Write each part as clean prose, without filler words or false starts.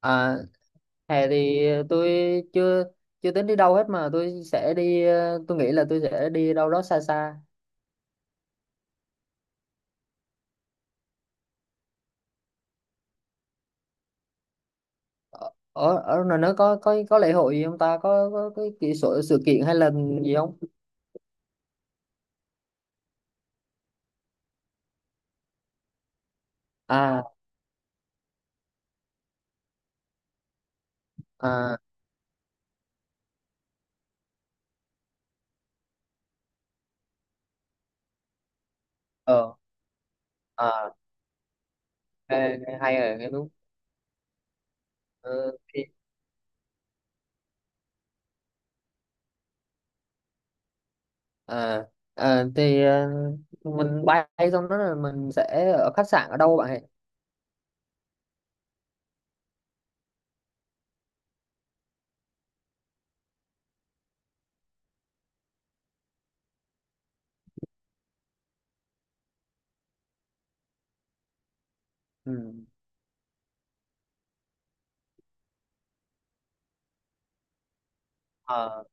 À, hè thì tôi chưa chưa tính đi đâu hết mà tôi sẽ đi tôi nghĩ là tôi sẽ đi đâu đó xa xa. Ở ở ở ngoài nó có lễ hội gì không ta, có cái sự kiện hay là gì không? À. À. Ờ. À. Hay, rồi nghe đúng. Ờ, thì. À, à thì mình bay xong đó là mình sẽ ở khách sạn ở đâu bạn ấy? Ừ. Ờ,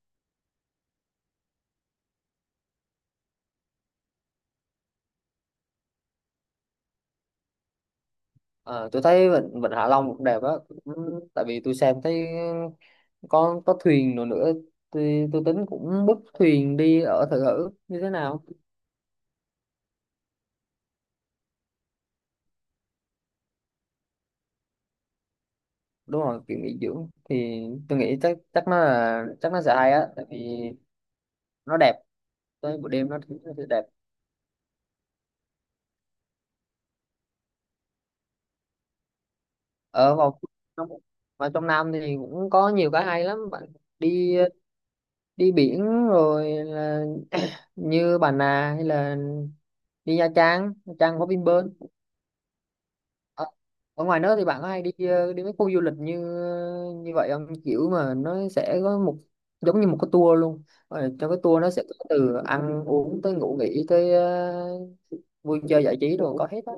ờ, tôi thấy vịnh Vịnh Hạ Long cũng đẹp á. Ừ, tại vì tôi xem thấy có thuyền nữa nữa. Tôi tính cũng book thuyền đi ở thử thử như thế nào. Đúng rồi, kiểu nghỉ dưỡng thì tôi nghĩ chắc chắc nó là chắc nó sẽ hay á, tại vì nó đẹp, tới buổi đêm nó sẽ đẹp. Ở vào trong Vào trong Nam thì cũng có nhiều cái hay lắm bạn. Đi đi biển rồi là như Bà Nà hay là đi Nha Trang. Nha Trang có Vinpearl. Ở ở ngoài nước thì bạn có hay đi đi mấy khu du lịch như như vậy không? Kiểu mà nó sẽ có một, giống như một cái tour luôn. Rồi trong cái tour nó sẽ có từ ăn uống tới ngủ nghỉ tới vui chơi giải trí rồi có hết á.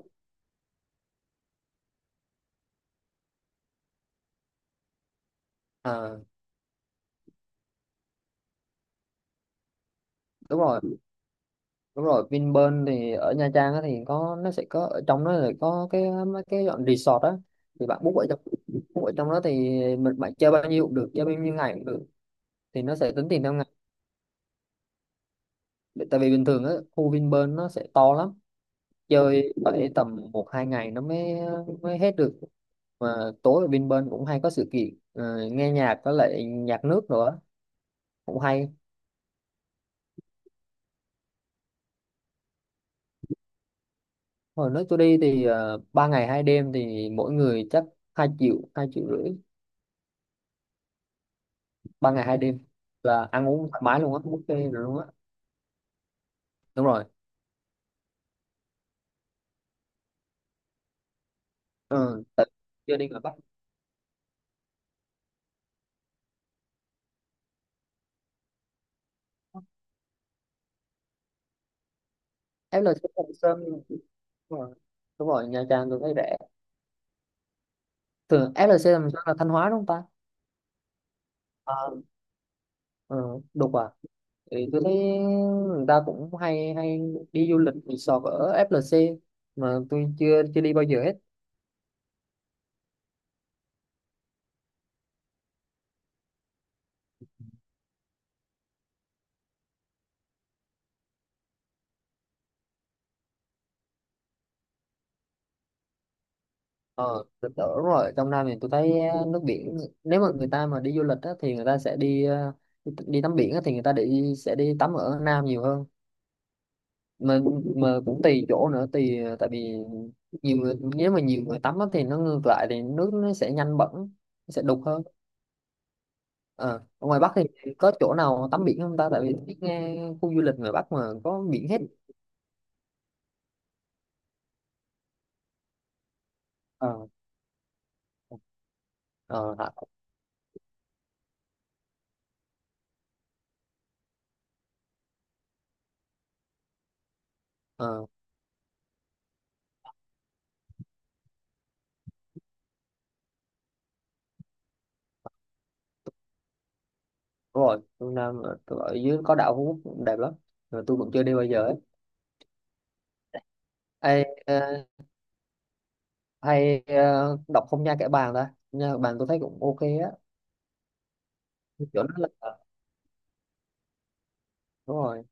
Ờ, đúng rồi, đúng rồi. Vinpearl thì ở Nha Trang á thì có, nó sẽ có ở trong đó là có cái mấy cái dọn resort á. Thì bạn book ở trong đó thì mình bạn chơi bao nhiêu cũng được, chơi bao nhiêu ngày cũng được, thì nó sẽ tính tiền theo ngày. Tại vì bình thường á, khu Vinpearl nó sẽ to lắm, chơi phải tầm một hai ngày nó mới mới hết được, mà tối ở bên bên cũng hay có sự kiện nghe nhạc với lại nhạc nước nữa. Cũng hay. Hồi nước tôi đi thì 3 ngày 2 đêm thì mỗi người chắc 2 triệu, 2,5 triệu. Ba ngày hai đêm là ăn uống thoải mái luôn á, buffet rồi luôn á. Đúng rồi. Ừ, tại chưa đi ngoài Bắc. FLC Sầm Sơn, đúng rồi. Đúng rồi, Nha Trang tôi thấy rẻ. Thường FLC Sầm Sơn là Thanh Hóa đúng không ta? Ờ. Ừ, đúng. Thì tôi thấy người ta cũng hay hay đi du lịch resort ở FLC mà tôi chưa chưa đi bao giờ hết. Ờ, tôi tưởng rồi trong Nam thì tôi thấy nước biển, nếu mà người ta mà đi du lịch á, thì người ta sẽ đi đi tắm biển á, thì người ta sẽ đi tắm ở Nam nhiều hơn mà mà cũng tùy chỗ nữa, tùy tại vì nhiều người, nếu mà nhiều người tắm á, thì nó ngược lại thì nước nó sẽ nhanh bẩn, nó sẽ đục hơn. Ờ. Ở ngoài Bắc thì có chỗ nào tắm biển không ta? Tại vì tôi nghe khu du lịch ngoài Bắc mà có biển hết. Ờ. Ờ hả? Ờ, đúng rồi. Phương Nam ở dưới có đảo Phú Quốc cũng đẹp lắm, mà tôi cũng chưa đi bao giờ ấy. Ê, hay đọc không Nha Kẻ Bàng ta? Phong Nha Kẻ Bàng tôi thấy cũng ok á. Chỗ đó là đúng rồi.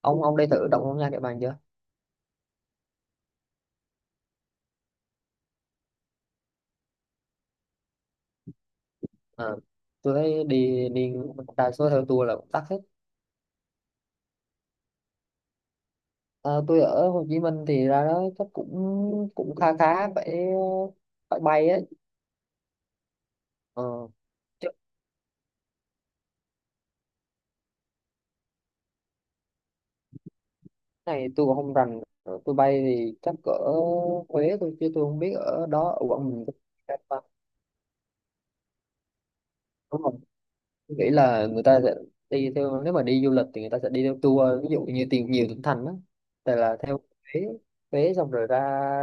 Ông đi thử đọc không Nha Kẻ Bàng chưa? Ờ, tôi thấy đi đi đa số theo tour là cũng tắc hết. Ờ, tôi ở Hồ Chí Minh thì ra đó chắc cũng cũng khá khá, phải phải bay ấy. Ờ, này tôi cũng không rành. Rồi tôi bay thì chắc ở Huế thôi chứ tôi không biết ở đó ở Quảng Bình có bay không. Đúng không, tôi nghĩ là người ta sẽ đi theo, nếu mà đi du lịch thì người ta sẽ đi theo tour, ví dụ như tìm nhiều tỉnh thành đó, tại là theo Huế. Huế xong rồi ra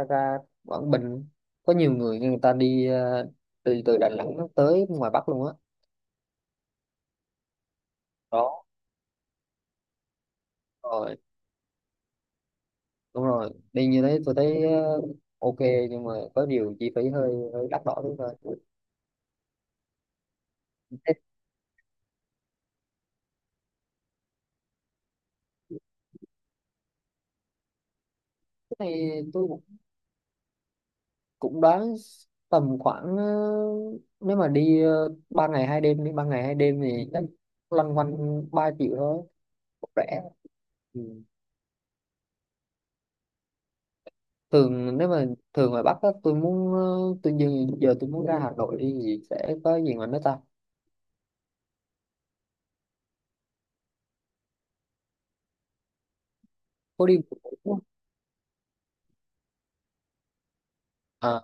ra Quảng Bình. Có nhiều người, người ta đi từ từ Đà Nẵng tới ngoài Bắc luôn á. Đó rồi, đúng rồi, đi như thế tôi thấy ok, nhưng mà có điều chi phí hơi hơi đắt đỏ đúng thôi. Thế cái này tôi cũng cũng đoán tầm khoảng nếu mà đi ba ngày hai đêm, thì chắc loanh quanh 3 triệu thôi, cũng rẻ. Ừ. thường nếu mà thường ngoài Bắc á, tôi muốn tôi giờ, giờ tôi muốn ra Hà Nội đi thì sẽ có gì mà nó ta? Có đi bộ đúng không? À,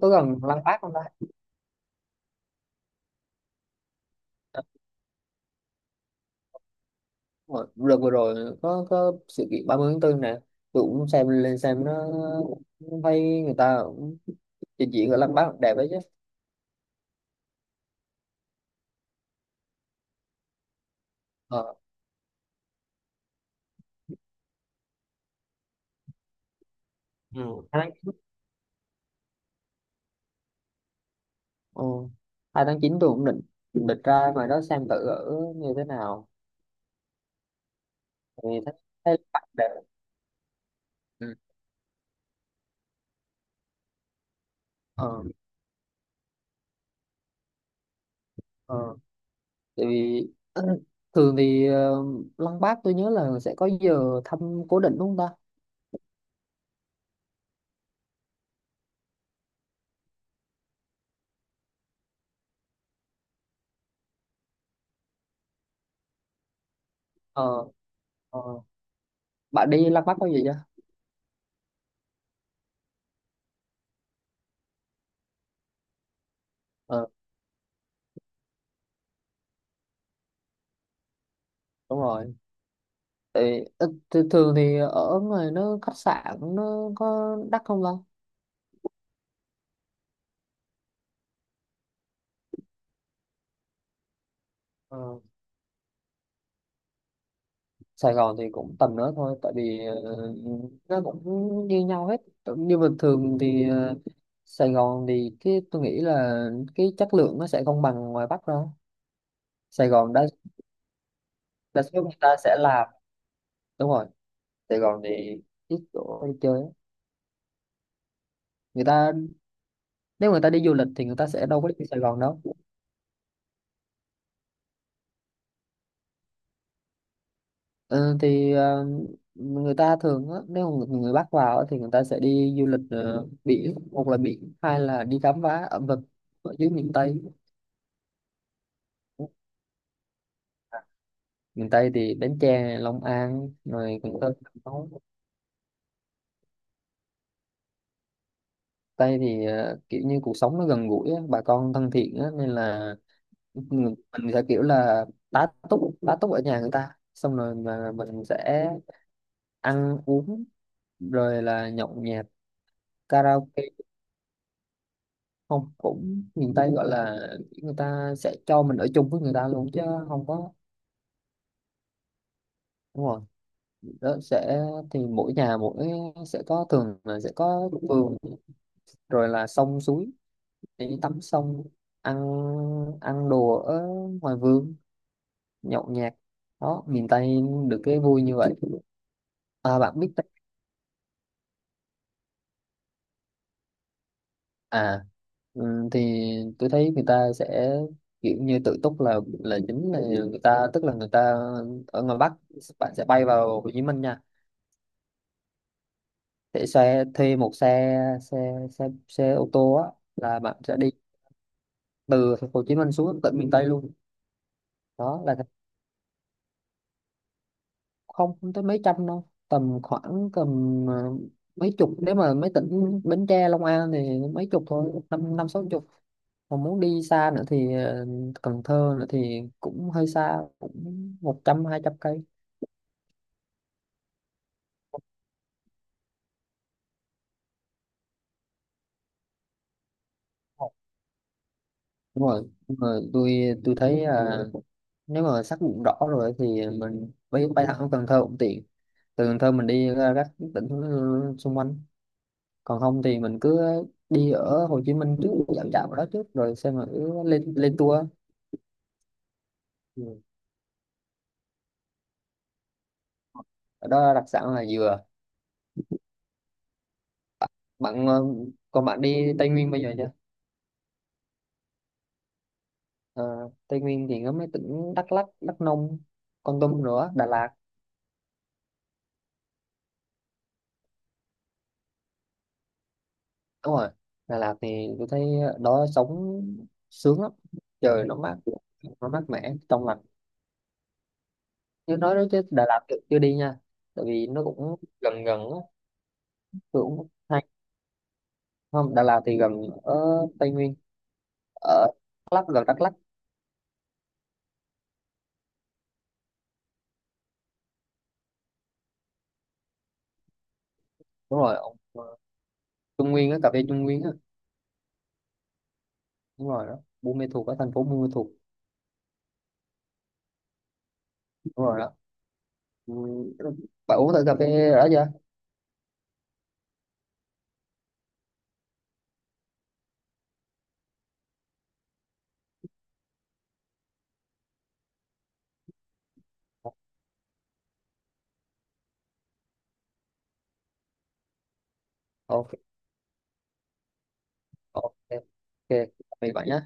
có gần Lăng Bác không ta? À, đúng rồi. Đợt vừa rồi có sự kiện 30 tháng 4 nè. Tôi cũng xem, lên xem nó, thấy người ta cũng trình diễn ở Lăng Bác đẹp đấy chứ. Ờ. Ừ. Ồ, 2 tháng 9 tôi cũng định định ra ngoài đó xem thử ở như thế nào. Tại vì thấy bạn đẹp. Ừ. Ờ, ờ. Tại vì thường thì Lăng Bác tôi nhớ là sẽ có giờ thăm cố định đúng không ta? Ờ, ờ. Bạn đi Lăng Bác bao giờ chưa? Ờ, đúng rồi. Tại vì, thường thì ở ngoài nó khách sạn nó có đắt không ta? Ờ. Sài Gòn thì cũng tầm đó thôi, tại vì ờ, nó cũng như nhau hết. Cũng như bình thường thì Sài Gòn thì cái tôi nghĩ là cái chất lượng nó sẽ không bằng ngoài Bắc đâu. Sài Gòn đa đa số người ta sẽ làm, đúng rồi. Sài Gòn thì ít chỗ đi chơi á. Người ta, nếu người ta đi du lịch thì người ta sẽ đâu có đi Sài Gòn đâu. Ờ, thì người ta thường á, nếu mà người Bắc vào á, thì người ta sẽ đi du lịch biển, một là biển, hai là đi khám phá ẩm thực ở dưới miền Tây. Miền Tây thì Bến Tre, Long An rồi Cần Thơ, Cà. Tây thì kiểu như cuộc sống nó gần gũi á, bà con thân thiện á, nên là mình sẽ kiểu là tá túc tá túc ở nhà người ta, xong rồi mà mình sẽ ăn uống rồi là nhậu nhẹt karaoke. Không, cũng miền Tây gọi là người ta sẽ cho mình ở chung với người ta luôn chứ không có, đúng rồi. Đó sẽ, thì mỗi nhà mỗi sẽ có, thường là sẽ có vườn rồi là sông suối để đi tắm, xong ăn ăn đồ ở ngoài vườn, nhậu nhẹt. Đó, miền Tây được cái vui như vậy. À, bạn biết đấy. À. Thì tôi thấy người ta sẽ kiểu như tự túc là chính là người ta, tức là người ta ở ngoài Bắc bạn sẽ bay vào Hồ Chí Minh nha. Sẽ xe, thuê một xe xe xe xe ô tô á, là bạn sẽ đi từ Hồ Chí Minh xuống tận miền Tây luôn. Đó là không, không tới mấy trăm đâu, tầm khoảng ờ, mấy chục, nếu mà mấy tỉnh Bến Tre Long An thì mấy chục thôi, năm năm sáu chục. Còn muốn đi xa nữa thì Cần Thơ nữa thì cũng hơi xa, cũng 100-200 cây. Đúng rồi nhưng mà tôi tôi thấy là nếu mà xác định rõ rồi thì mình bay bay thẳng Cần Thơ cũng tiện, từ Cần Thơ mình đi ra các tỉnh xung quanh, còn không thì mình cứ đi ở Hồ Chí Minh trước, dạo dạo ở đó trước rồi xem, mà cứ lên lên tour. Ừ. Ở đó đặc sản là dừa, bạn. Ờ, còn bạn đi Tây Nguyên bây giờ chưa? Ờ, Tây Nguyên thì có mấy tỉnh Đắk Lắk, Đắk Nông, Kon Tum nữa, Đà Lạt. Đúng rồi, Đà Lạt thì tôi thấy ở đó sống sướng lắm, trời nó mát, nó mát mẻ trong lành, chứ nói đó chứ Đà Lạt tôi chưa đi nha, tại vì nó cũng gần gần á. Tôi cũng hay, không, Đà Lạt thì gần ở Tây Nguyên, ở Đắk Lắk, gần Đắk Lắk. Đúng rồi, ông Trung Nguyên á, cà phê Trung Nguyên á. Đúng rồi đó, Buôn Mê Thuột, ở thành phố Buôn Mê Thuột. Đúng rồi đó. Ừ, bạn uống thử cà phê đã chưa? Ok, ok, ok, tạm biệt bạn nhé.